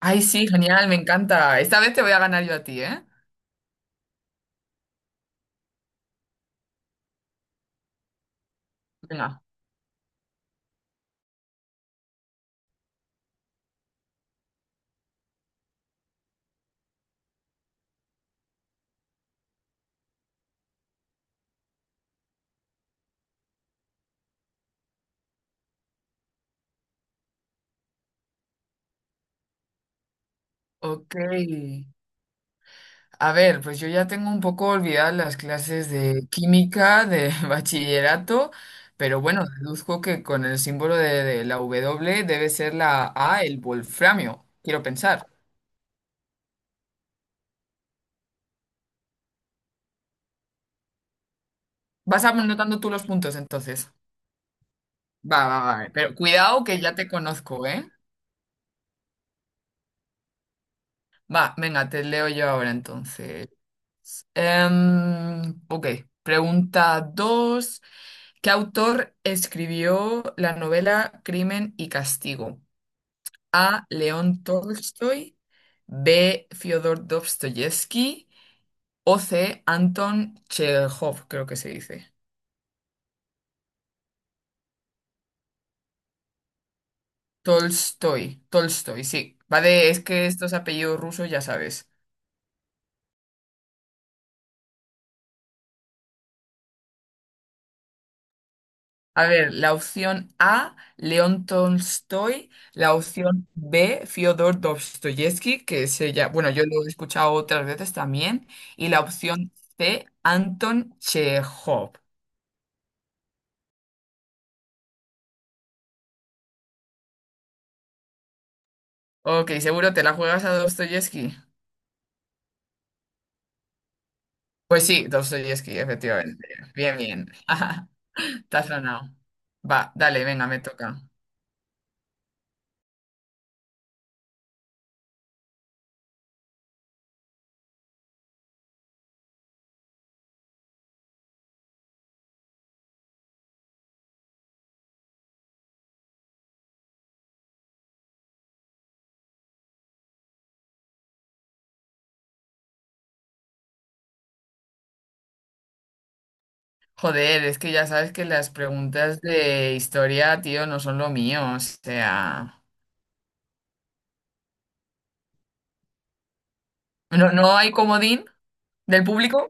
Ay, sí, genial, me encanta. Esta vez te voy a ganar yo a ti, ¿eh? Venga. Ok. A ver, pues yo ya tengo un poco olvidadas las clases de química, de bachillerato, pero bueno, deduzco que con el símbolo de la W debe ser la A, el wolframio, quiero pensar. Vas anotando tú los puntos entonces. Va, va, va, pero cuidado que ya te conozco, ¿eh? Va, venga, te leo yo ahora entonces. Ok, pregunta 2. ¿Qué autor escribió la novela Crimen y Castigo? A, León Tolstoy; B, Fyodor Dostoyevsky; o C, Anton Chekhov, creo que se dice. Tolstoy, Tolstoy, sí. Es que estos apellidos rusos ya sabes. A ver, la opción A, León Tolstoy; la opción B, Fyodor Dostoyevsky, que es ella, bueno, yo lo he escuchado otras veces también; y la opción C, Anton Chekhov. Ok, seguro te la juegas a Dostoyevsky. Pues sí, Dostoyevsky, efectivamente. Bien, bien. Te has ganado. Va, dale, venga, me toca. Joder, es que ya sabes que las preguntas de historia, tío, no son lo mío. O sea, no hay comodín del público?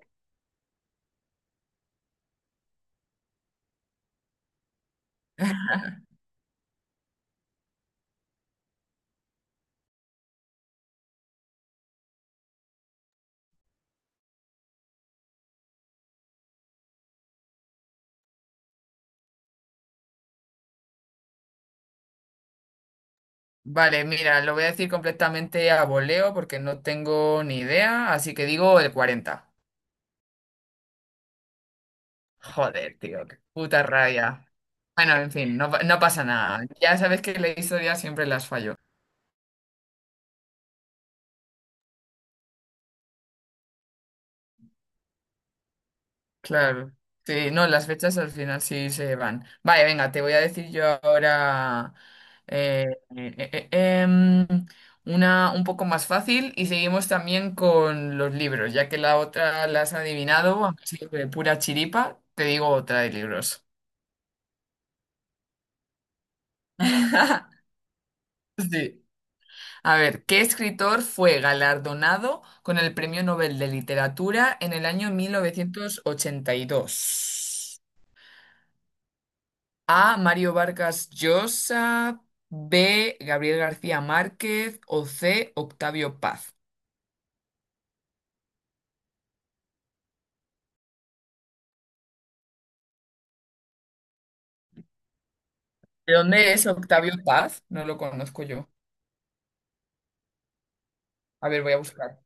Vale, mira, lo voy a decir completamente a voleo porque no tengo ni idea, así que digo el 40. Joder, tío, qué puta rabia. Bueno, en fin, no, no pasa nada. Ya sabes que la historia siempre las fallo. Claro. Sí, no, las fechas al final sí se van. Vale, venga, te voy a decir yo ahora eh, eh, eh, eh, em, una un poco más fácil y seguimos también con los libros, ya que la otra la has adivinado, aunque sea de pura chiripa, te digo otra de libros. Sí. A ver, ¿qué escritor fue galardonado con el Premio Nobel de Literatura en el año 1982? A, Mario Vargas Llosa; B, Gabriel García Márquez; o C, Octavio Paz. ¿De dónde es Octavio Paz? No lo conozco yo. A ver, voy a buscar.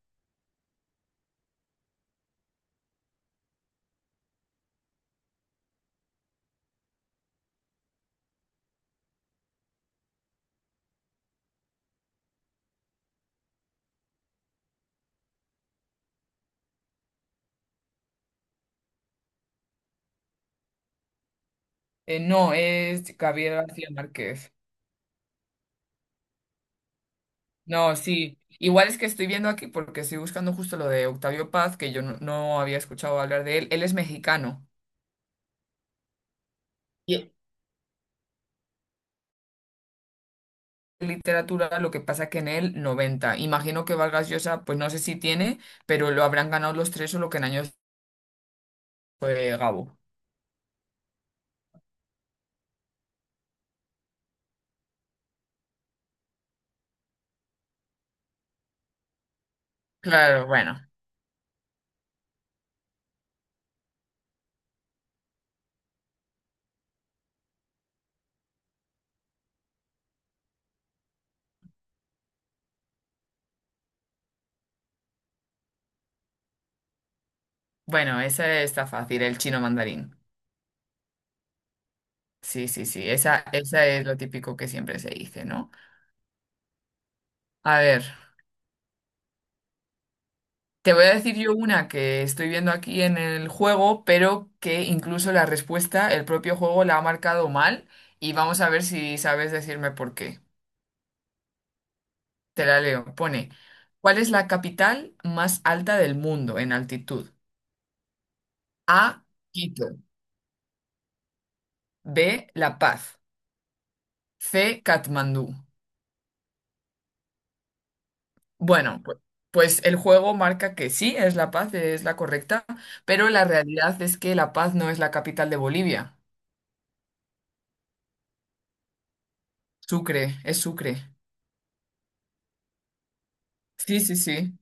No, es Gabriel García Márquez. No, sí. Igual es que estoy viendo aquí, porque estoy buscando justo lo de Octavio Paz, que yo no había escuchado hablar de él. Él es mexicano. Y literatura, lo que pasa que en él 90 imagino que Vargas Llosa, pues no sé si tiene, pero lo habrán ganado los tres o lo que en años fue Gabo. Claro, bueno. Bueno, esa está fácil, el chino mandarín. Sí, sí, sí. Esa es lo típico que siempre se dice, ¿no? A ver. Te voy a decir yo una que estoy viendo aquí en el juego, pero que incluso la respuesta, el propio juego la ha marcado mal, y vamos a ver si sabes decirme por qué. Te la leo. Pone, ¿cuál es la capital más alta del mundo en altitud? A, Quito. B, La Paz. C, Katmandú. Bueno, pues el juego marca que sí, es La Paz, es la correcta, pero la realidad es que La Paz no es la capital de Bolivia. Sucre, es Sucre. Sí, sí, sí.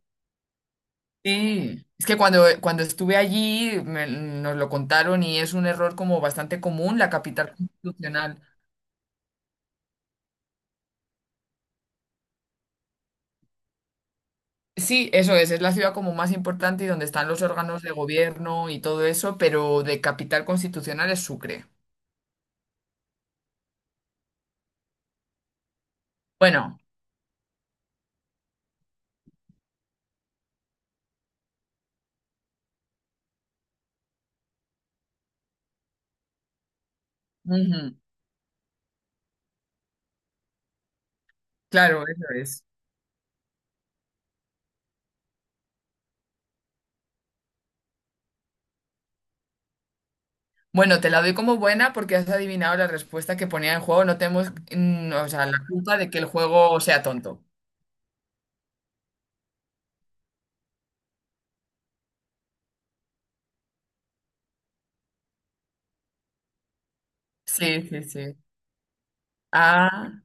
Sí, es que cuando estuve allí nos lo contaron y es un error como bastante común, la capital constitucional. Sí, eso es la ciudad como más importante y donde están los órganos de gobierno y todo eso, pero de capital constitucional es Sucre. Bueno, ujú, claro, eso es. Bueno, te la doy como buena porque has adivinado la respuesta que ponía en juego. No tenemos, o sea, la culpa de que el juego sea tonto. Sí, sí, sí. Ah,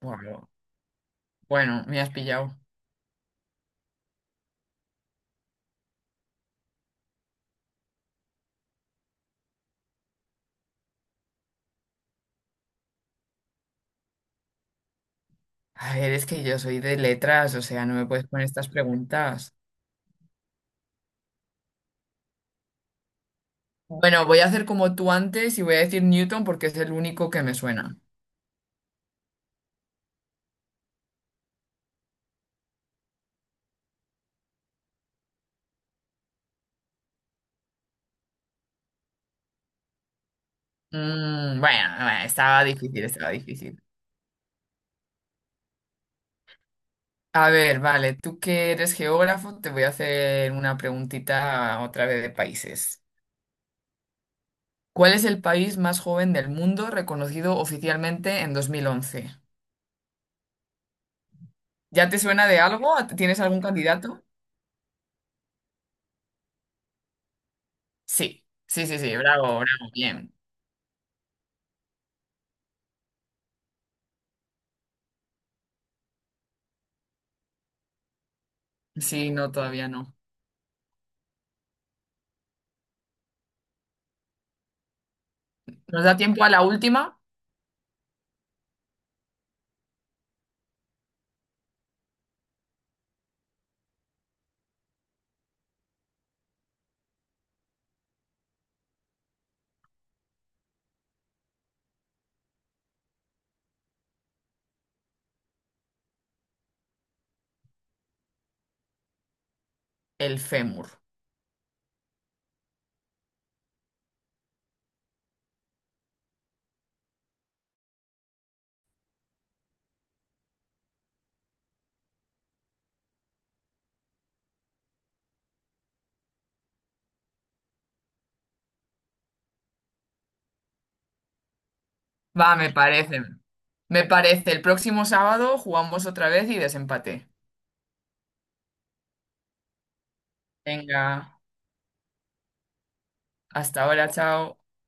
bueno, bueno, me has pillado. A ver, es que yo soy de letras, o sea, no me puedes poner estas preguntas. Bueno, voy a hacer como tú antes y voy a decir Newton porque es el único que me suena. Mm, bueno, bueno, estaba difícil, estaba difícil. A ver, vale, tú que eres geógrafo, te voy a hacer una preguntita otra vez de países. ¿Cuál es el país más joven del mundo reconocido oficialmente en 2011? ¿Ya te suena de algo? ¿Tienes algún candidato? Sí, sí, sí, sí, bravo, bravo, bien. Sí, no, todavía no. ¿Nos da tiempo a la última? El fémur. Va, me parece. Me parece. El próximo sábado jugamos otra vez y desempate. Venga, hasta ahora, chao.